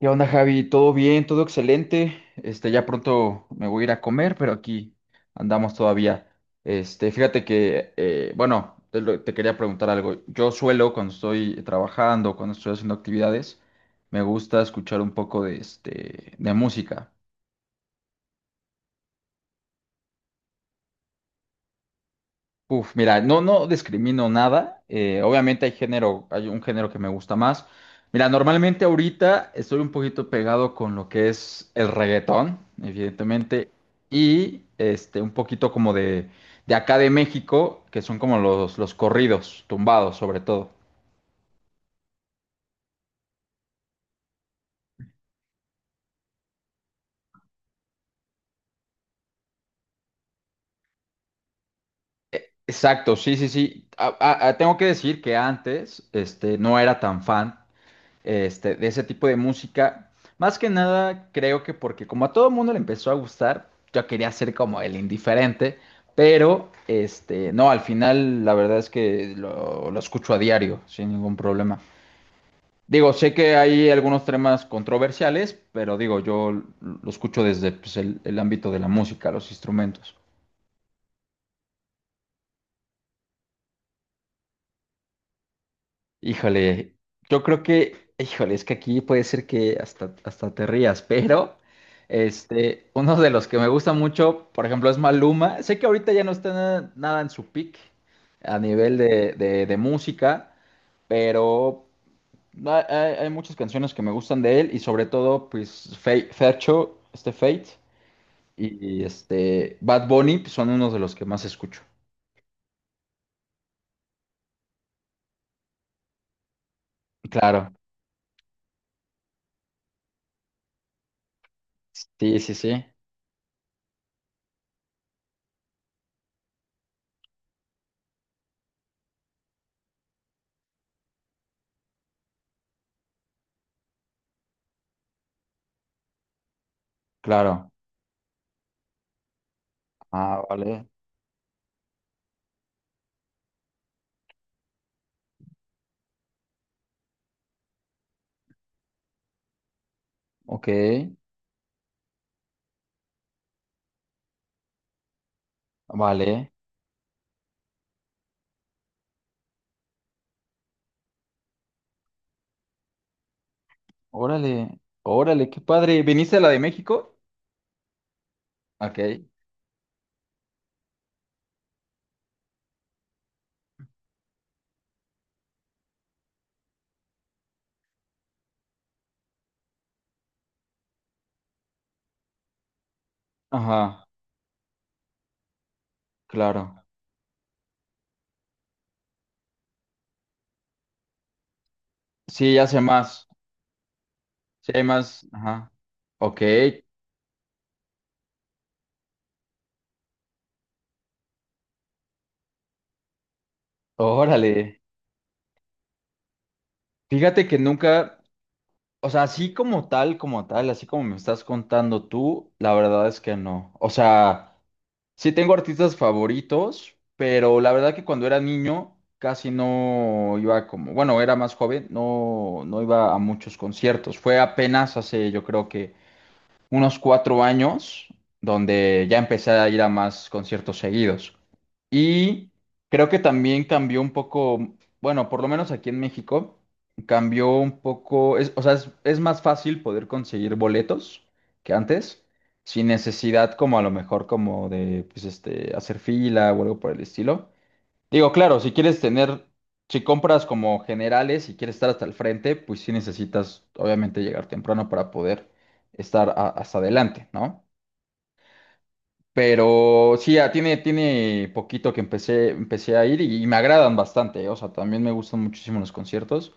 ¿Qué onda, Javi? ¿Todo bien? ¿Todo excelente? Ya pronto me voy a ir a comer, pero aquí andamos todavía. Fíjate que, bueno, te quería preguntar algo. Yo suelo, cuando estoy trabajando, cuando estoy haciendo actividades, me gusta escuchar un poco de, de música. Uf, mira, no discrimino nada. Obviamente hay género, hay un género que me gusta más. Mira, normalmente ahorita estoy un poquito pegado con lo que es el reggaetón, evidentemente, y un poquito como de acá de México, que son como los corridos, tumbados sobre todo. Exacto, sí, sí, sí. Tengo que decir que antes no era tan fan de ese tipo de música. Más que nada, creo que porque como a todo mundo le empezó a gustar, yo quería ser como el indiferente, pero no, al final la verdad es que lo escucho a diario, sin ningún problema. Digo, sé que hay algunos temas controversiales, pero digo, yo lo escucho desde pues, el ámbito de la música, los instrumentos. Híjole, yo creo que, híjole, es que aquí puede ser que hasta te rías, pero uno de los que me gusta mucho, por ejemplo, es Maluma. Sé que ahorita ya no está nada en su peak a nivel de, de música, pero hay muchas canciones que me gustan de él y sobre todo, pues, Fercho, este Fate y, este Bad Bunny pues, son unos de los que más escucho. Claro, sí, sí, sí, claro. Ah, vale, ok. Vale, órale, órale, qué padre. ¿Viniste a la de México? Ok, ajá, claro. Sí, ya sé más, sí hay más, ajá. Ok, órale. Fíjate que nunca, o sea, así como tal, así como me estás contando tú, la verdad es que no. O sea, sí tengo artistas favoritos, pero la verdad que cuando era niño casi no iba como, bueno, era más joven, no iba a muchos conciertos. Fue apenas hace, yo creo que unos 4 años, donde ya empecé a ir a más conciertos seguidos. Y creo que también cambió un poco, bueno, por lo menos aquí en México, cambió un poco, o sea, es más fácil poder conseguir boletos que antes, sin necesidad como a lo mejor como de, pues, hacer fila o algo por el estilo. Digo, claro, si quieres tener, si compras como generales y quieres estar hasta el frente, pues sí necesitas, obviamente, llegar temprano para poder estar hasta adelante, ¿no? Pero sí, ya tiene, tiene poquito que empecé a ir y me agradan bastante, ¿eh? O sea, también me gustan muchísimo los conciertos.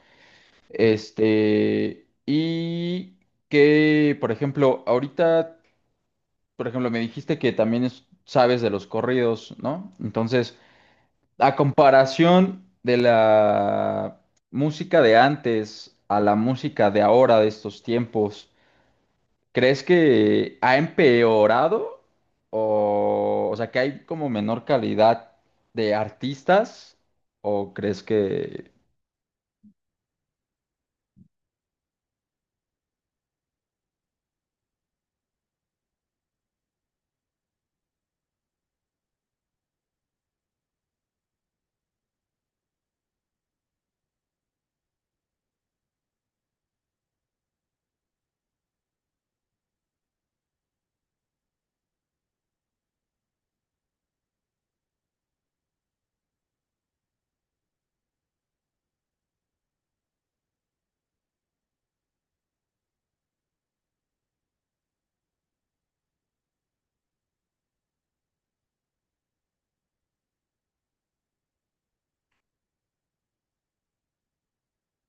Y que, por ejemplo, ahorita, por ejemplo, me dijiste que también sabes de los corridos, ¿no? Entonces, a comparación de la música de antes a la música de ahora, de estos tiempos, ¿crees que ha empeorado? O sea, ¿que hay como menor calidad de artistas, o crees que...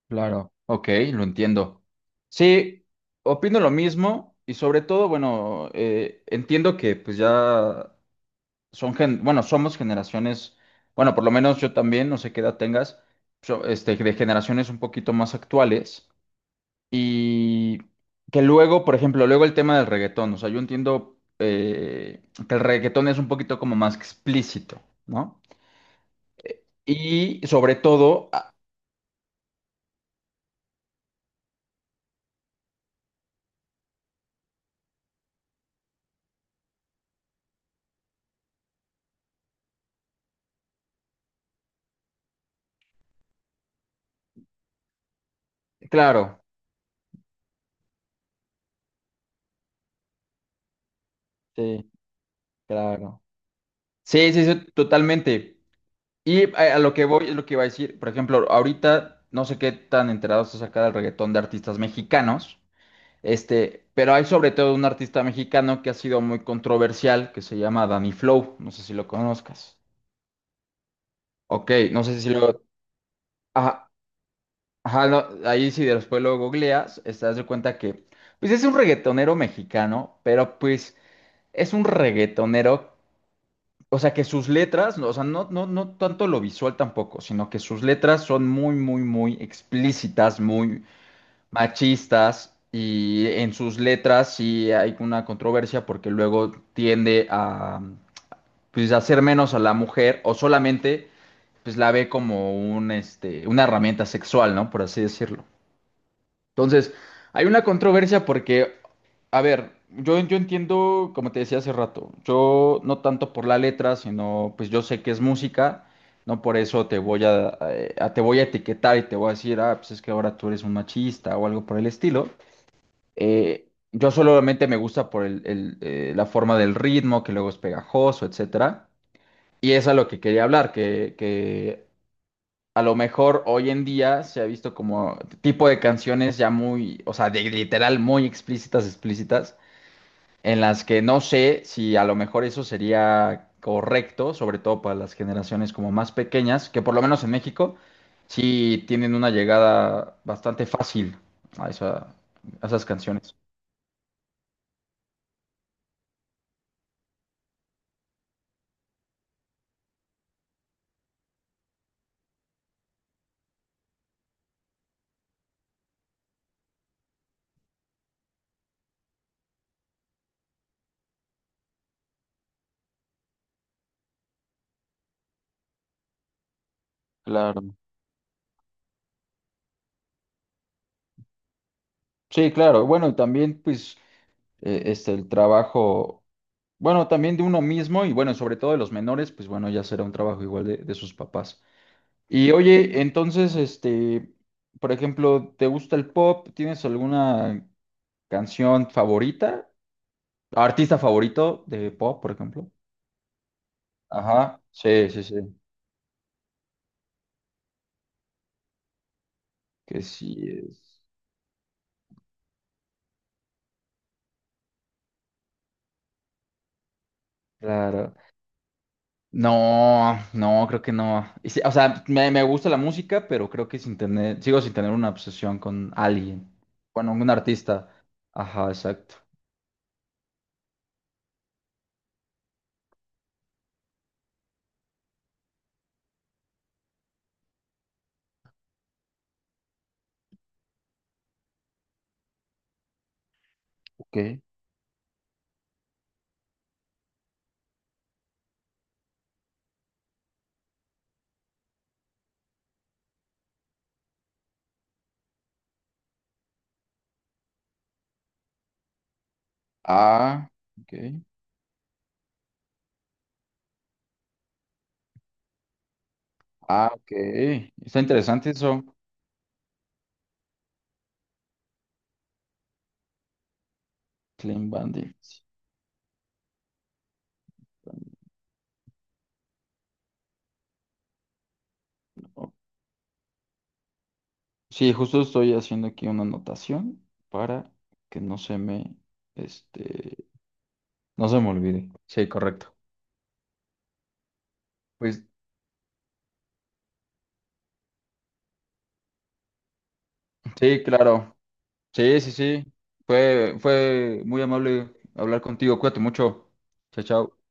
Claro, ok, lo entiendo. Sí, opino lo mismo y sobre todo, bueno, entiendo que pues ya bueno, somos generaciones, bueno, por lo menos yo también, no sé qué edad tengas, de generaciones un poquito más actuales y que luego, por ejemplo, luego el tema del reggaetón, o sea, yo entiendo que el reggaetón es un poquito como más explícito, ¿no? Y sobre todo, ah, claro, sí, claro. Sí, sí, sí, totalmente. Y a lo que voy es lo que iba a decir, por ejemplo, ahorita no sé qué tan enterados estás acá del reggaetón de artistas mexicanos. Pero hay sobre todo un artista mexicano que ha sido muy controversial, que se llama Danny Flow, no sé si lo conozcas. Ok, no sé si lo... Ajá, ajá, no, ahí sí después lo googleas, estás de cuenta que, pues es un reggaetonero mexicano, pero pues es un reggaetonero, o sea que sus letras, no, o sea, no, no, no tanto lo visual tampoco, sino que sus letras son muy, muy, muy explícitas, muy machistas y en sus letras sí hay una controversia porque luego tiende a pues hacer menos a la mujer o solamente pues la ve como un este una herramienta sexual, ¿no? Por así decirlo. Entonces, hay una controversia porque, a ver, yo entiendo, como te decía hace rato, yo no tanto por la letra, sino pues yo sé que es música. No por eso te voy a, te voy a etiquetar y te voy a decir, ah, pues es que ahora tú eres un machista o algo por el estilo. Yo solamente me gusta por el, la forma del ritmo, que luego es pegajoso, etcétera. Y es a lo que quería hablar, que a lo mejor hoy en día se ha visto como tipo de canciones ya muy, o sea, de, literal muy explícitas, explícitas, en las que no sé si a lo mejor eso sería correcto, sobre todo para las generaciones como más pequeñas, que por lo menos en México sí tienen una llegada bastante fácil a esa- a esas canciones. Claro. Sí, claro. Bueno, y también pues el trabajo, bueno, también de uno mismo y bueno, sobre todo de los menores, pues bueno, ya será un trabajo igual de sus papás. Y oye, entonces, por ejemplo, ¿te gusta el pop? ¿Tienes alguna canción favorita? ¿Artista favorito de pop, por ejemplo? Ajá, sí, sí, sí. Que sí es. Claro. No, no, creo que no. Y sí, o sea, me gusta la música, pero creo que sin tener, sigo sin tener una obsesión con alguien. Bueno, un artista. Ajá, exacto. Ok. Ah, ok. Ah, ok. Está interesante eso. Clean Bandit. Bueno, sí, justo estoy haciendo aquí una anotación para que no se me, este, no se me olvide. Sí, correcto. Pues sí, claro. Sí, sí, sí. Fue, fue muy amable hablar contigo. Cuídate mucho. Chao, chao.